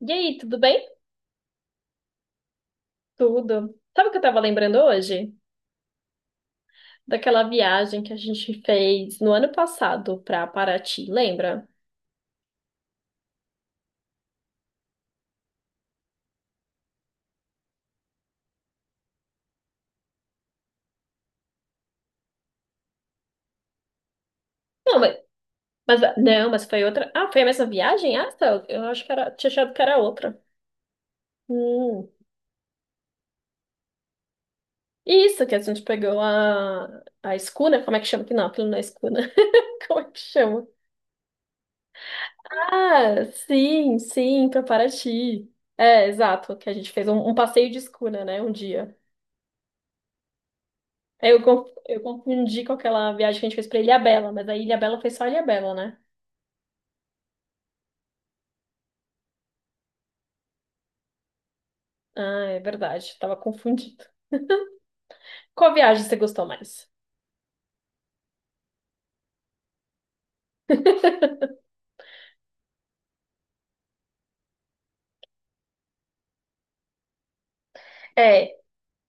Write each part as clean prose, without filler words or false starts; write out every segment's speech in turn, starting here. E aí, tudo bem? Tudo. Sabe o que eu tava lembrando hoje? Daquela viagem que a gente fez no ano passado pra Paraty, lembra? Não, não, mas foi outra. Ah, foi a mesma viagem? Ah, tá. Eu acho que era, tinha achado que era outra. Hum. Isso que a gente pegou a escuna, como é que chama? Que não, aquilo não é escuna. Como é que chama? Ah, sim, sim, pra Paraty. É, exato, que a gente fez um passeio de escuna, né, um dia. Eu confundi com aquela viagem que a gente fez pra Ilhabela, mas a Ilhabela foi só Ilhabela, né? Ah, é verdade, tava confundido. Qual viagem você gostou mais? É,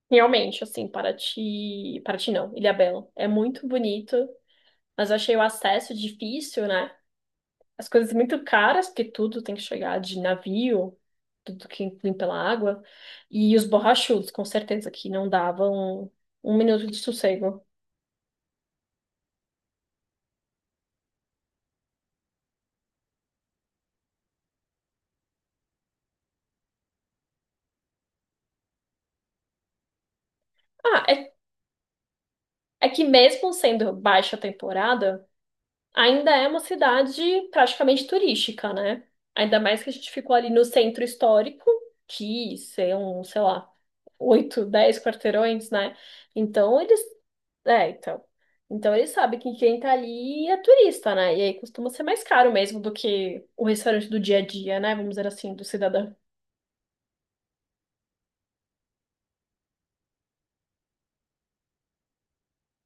realmente, assim, Paraty. Paraty não, Ilhabela. É muito bonito, mas eu achei o acesso difícil, né? As coisas muito caras, porque tudo tem que chegar de navio, tudo que vem pela água. E os borrachudos, com certeza, que não davam um minuto de sossego. Ah, é, é que mesmo sendo baixa temporada, ainda é uma cidade praticamente turística, né? Ainda mais que a gente ficou ali no centro histórico, que são, sei lá, 8, 10 quarteirões, né? Então eles. É, então. Então eles sabem que quem tá ali é turista, né? E aí costuma ser mais caro mesmo do que o restaurante do dia a dia, né? Vamos dizer assim, do cidadão.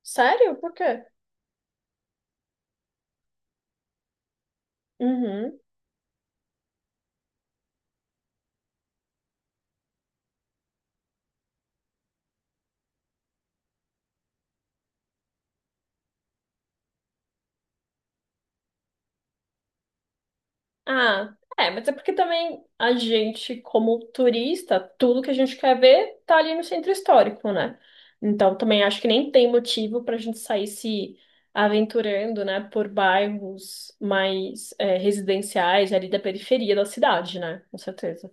Sério? Por quê? Uhum. Ah, é, mas é porque também a gente, como turista, tudo que a gente quer ver tá ali no centro histórico, né? Então também acho que nem tem motivo pra gente sair se aventurando, né, por bairros mais residenciais ali da periferia da cidade, né? Com certeza.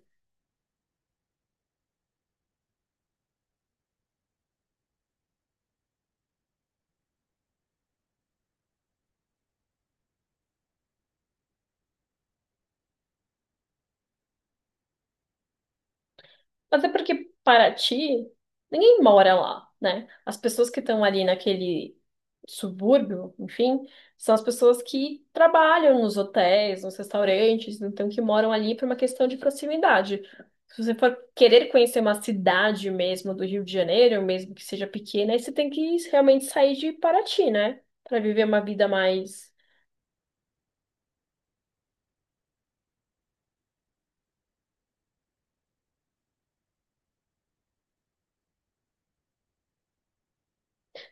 Mas é porque Paraty, ninguém mora lá, né? As pessoas que estão ali naquele subúrbio, enfim, são as pessoas que trabalham nos hotéis, nos restaurantes, então que moram ali por uma questão de proximidade. Se você for querer conhecer uma cidade mesmo do Rio de Janeiro, mesmo que seja pequena, aí você tem que realmente sair de Paraty, né? Para viver uma vida mais.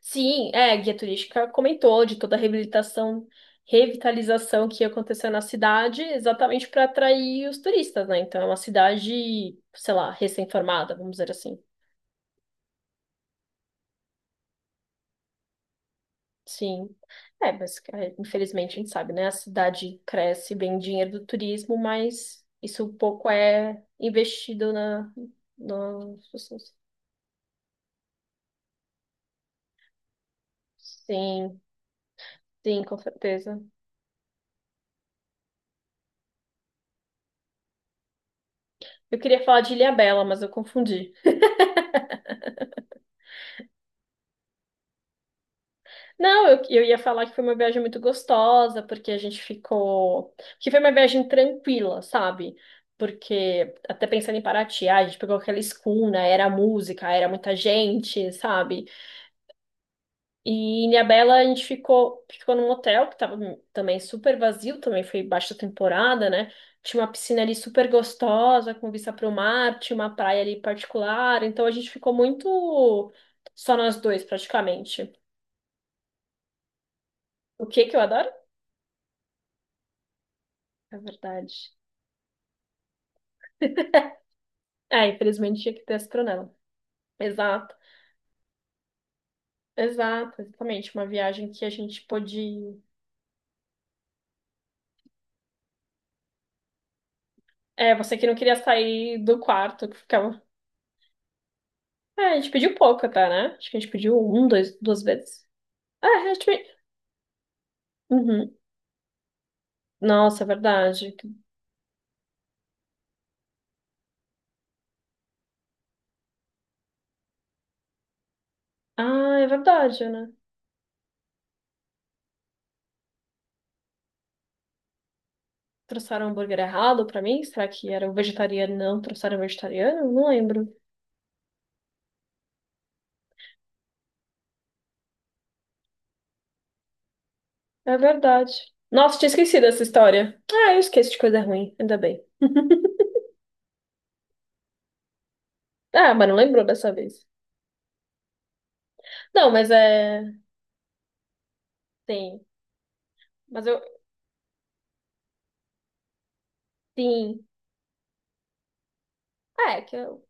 Sim, é, a guia turística comentou de toda a reabilitação, revitalização que aconteceu na cidade, exatamente para atrair os turistas, né? Então é uma cidade, sei lá, recém-formada, vamos dizer assim. Sim. É, mas é, infelizmente a gente sabe, né? A cidade cresce, vem dinheiro do turismo, mas isso um pouco é investido nas pessoas. Sim, sim, com certeza. Eu queria falar de Ilhabela, mas eu confundi. Não, eu ia falar que foi uma viagem muito gostosa, porque a gente ficou. Que foi uma viagem tranquila, sabe? Porque, até pensando em Paraty, a gente pegou aquela escuna, era música, era muita gente, sabe? E em Ilhabela a gente ficou num hotel que tava também super vazio, também foi baixa temporada, né? Tinha uma piscina ali super gostosa, com vista para o mar, tinha uma praia ali particular, então a gente ficou muito só nós dois, praticamente. O que que eu adoro? É verdade. É, infelizmente tinha que ter astronauta. Exato, exato, exatamente. Uma viagem que a gente pôde. É, você que não queria sair do quarto, que ficava. É, a gente pediu pouco até, né? Acho que a gente pediu um, dois, duas vezes. É, a gente. pe- Uhum. Nossa, é verdade. Ah, é verdade, né? Trouxeram o hambúrguer errado pra mim? Será que era o vegetariano? Não, trouxeram o vegetariano? Não lembro. É verdade. Nossa, tinha esquecido essa história. Ah, eu esqueço de coisa ruim, ainda bem. Ah, mas não lembrou dessa vez. Não, mas é. Sim. Mas eu, sim. Ah, é,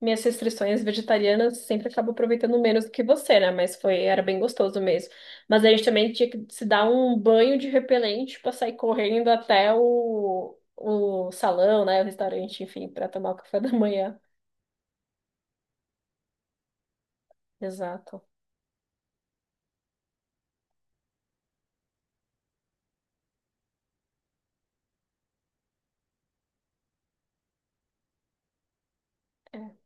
minhas restrições vegetarianas sempre acabo aproveitando menos do que você, né? Mas foi, era bem gostoso mesmo. Mas a gente também tinha que se dar um banho de repelente pra sair correndo até o salão, né? O restaurante, enfim, pra tomar o café da manhã. Exato. É,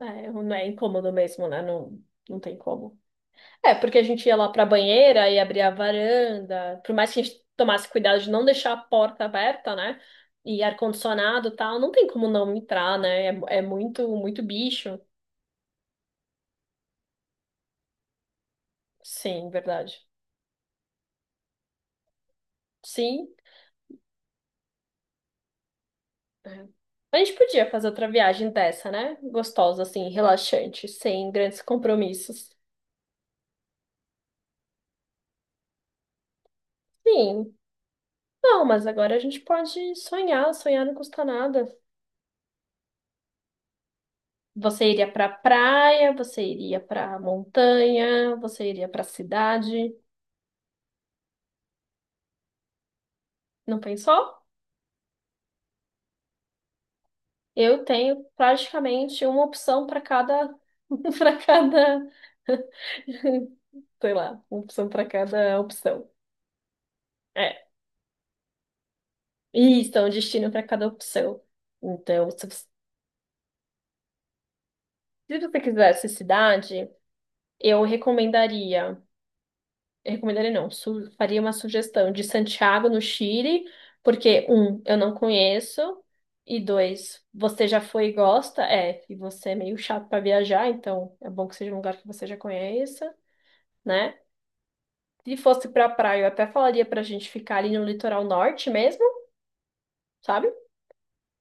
é, não é incômodo mesmo, né? Não, não tem como. É, porque a gente ia lá pra banheira e abria a varanda, por mais que a gente tomasse cuidado de não deixar a porta aberta, né? E ar-condicionado e tal, não tem como não entrar, né? É, é muito, muito bicho. Sim, verdade. Sim. É. A gente podia fazer outra viagem dessa, né? Gostosa, assim, relaxante, sem grandes compromissos. Sim. Não, mas agora a gente pode sonhar, sonhar não custa nada. Você iria pra praia, você iria pra montanha, você iria pra cidade. Não pensou? Eu tenho praticamente uma opção para cada, para cada, sei lá, uma opção para cada opção. É, isso, é um destino para cada opção. Então, se você quisesse cidade, eu recomendaria, eu recomendaria não, faria uma sugestão de Santiago, no Chile, porque, um, eu não conheço, e dois, você já foi e gosta, é, e você é meio chato para viajar, então é bom que seja um lugar que você já conheça, né? Se fosse pra praia, eu até falaria pra gente ficar ali no litoral norte mesmo, sabe?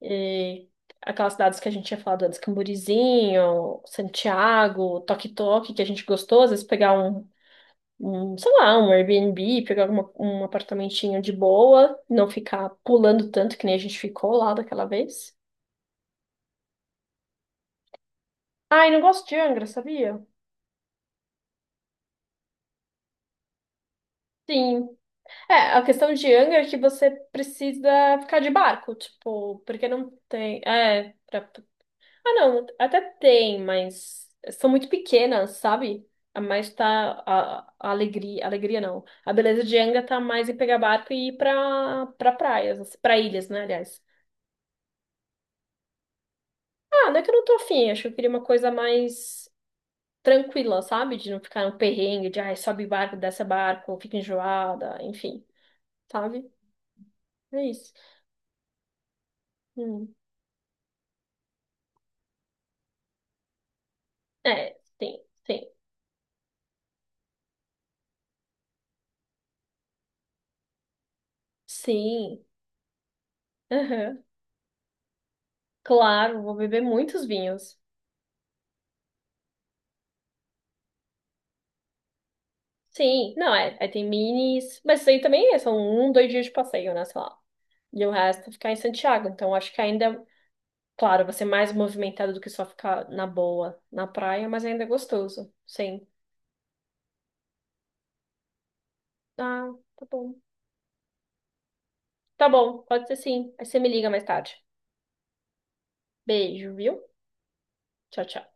E aquelas cidades que a gente tinha falado antes, Camburizinho, Santiago, Toque-Toque, que a gente gostou, às vezes pegar sei lá, um Airbnb, pegar um apartamentinho de boa, não ficar pulando tanto que nem a gente ficou lá daquela vez. Ai, não gosto de Angra, sabia? Sim. É, a questão de Angra é que você precisa ficar de barco, tipo, porque não tem. É. Pra. Ah, não, até tem, mas são muito pequenas, sabe? A mais tá a alegria, alegria não. A beleza de Anga tá mais em pegar barco e ir pra praias, assim, pra ilhas, né, aliás. Ah, não é que eu não tô afim, acho que eu queria uma coisa mais tranquila, sabe? De não ficar no perrengue, de ai, sobe barco, desce barco, fica enjoada, enfim, sabe? É isso. Hum. É, tem, tem. Sim. Aham. Claro, vou beber muitos vinhos. Sim, não, é. Aí tem minis. Mas isso aí também é, são um, dois dias de passeio, né? Sei lá. E o resto é ficar em Santiago. Então acho que ainda, claro, vai ser mais movimentado do que só ficar na boa na praia, mas ainda é gostoso. Sim. Ah, tá bom. Tá bom, pode ser sim. Aí você me liga mais tarde. Beijo, viu? Tchau, tchau.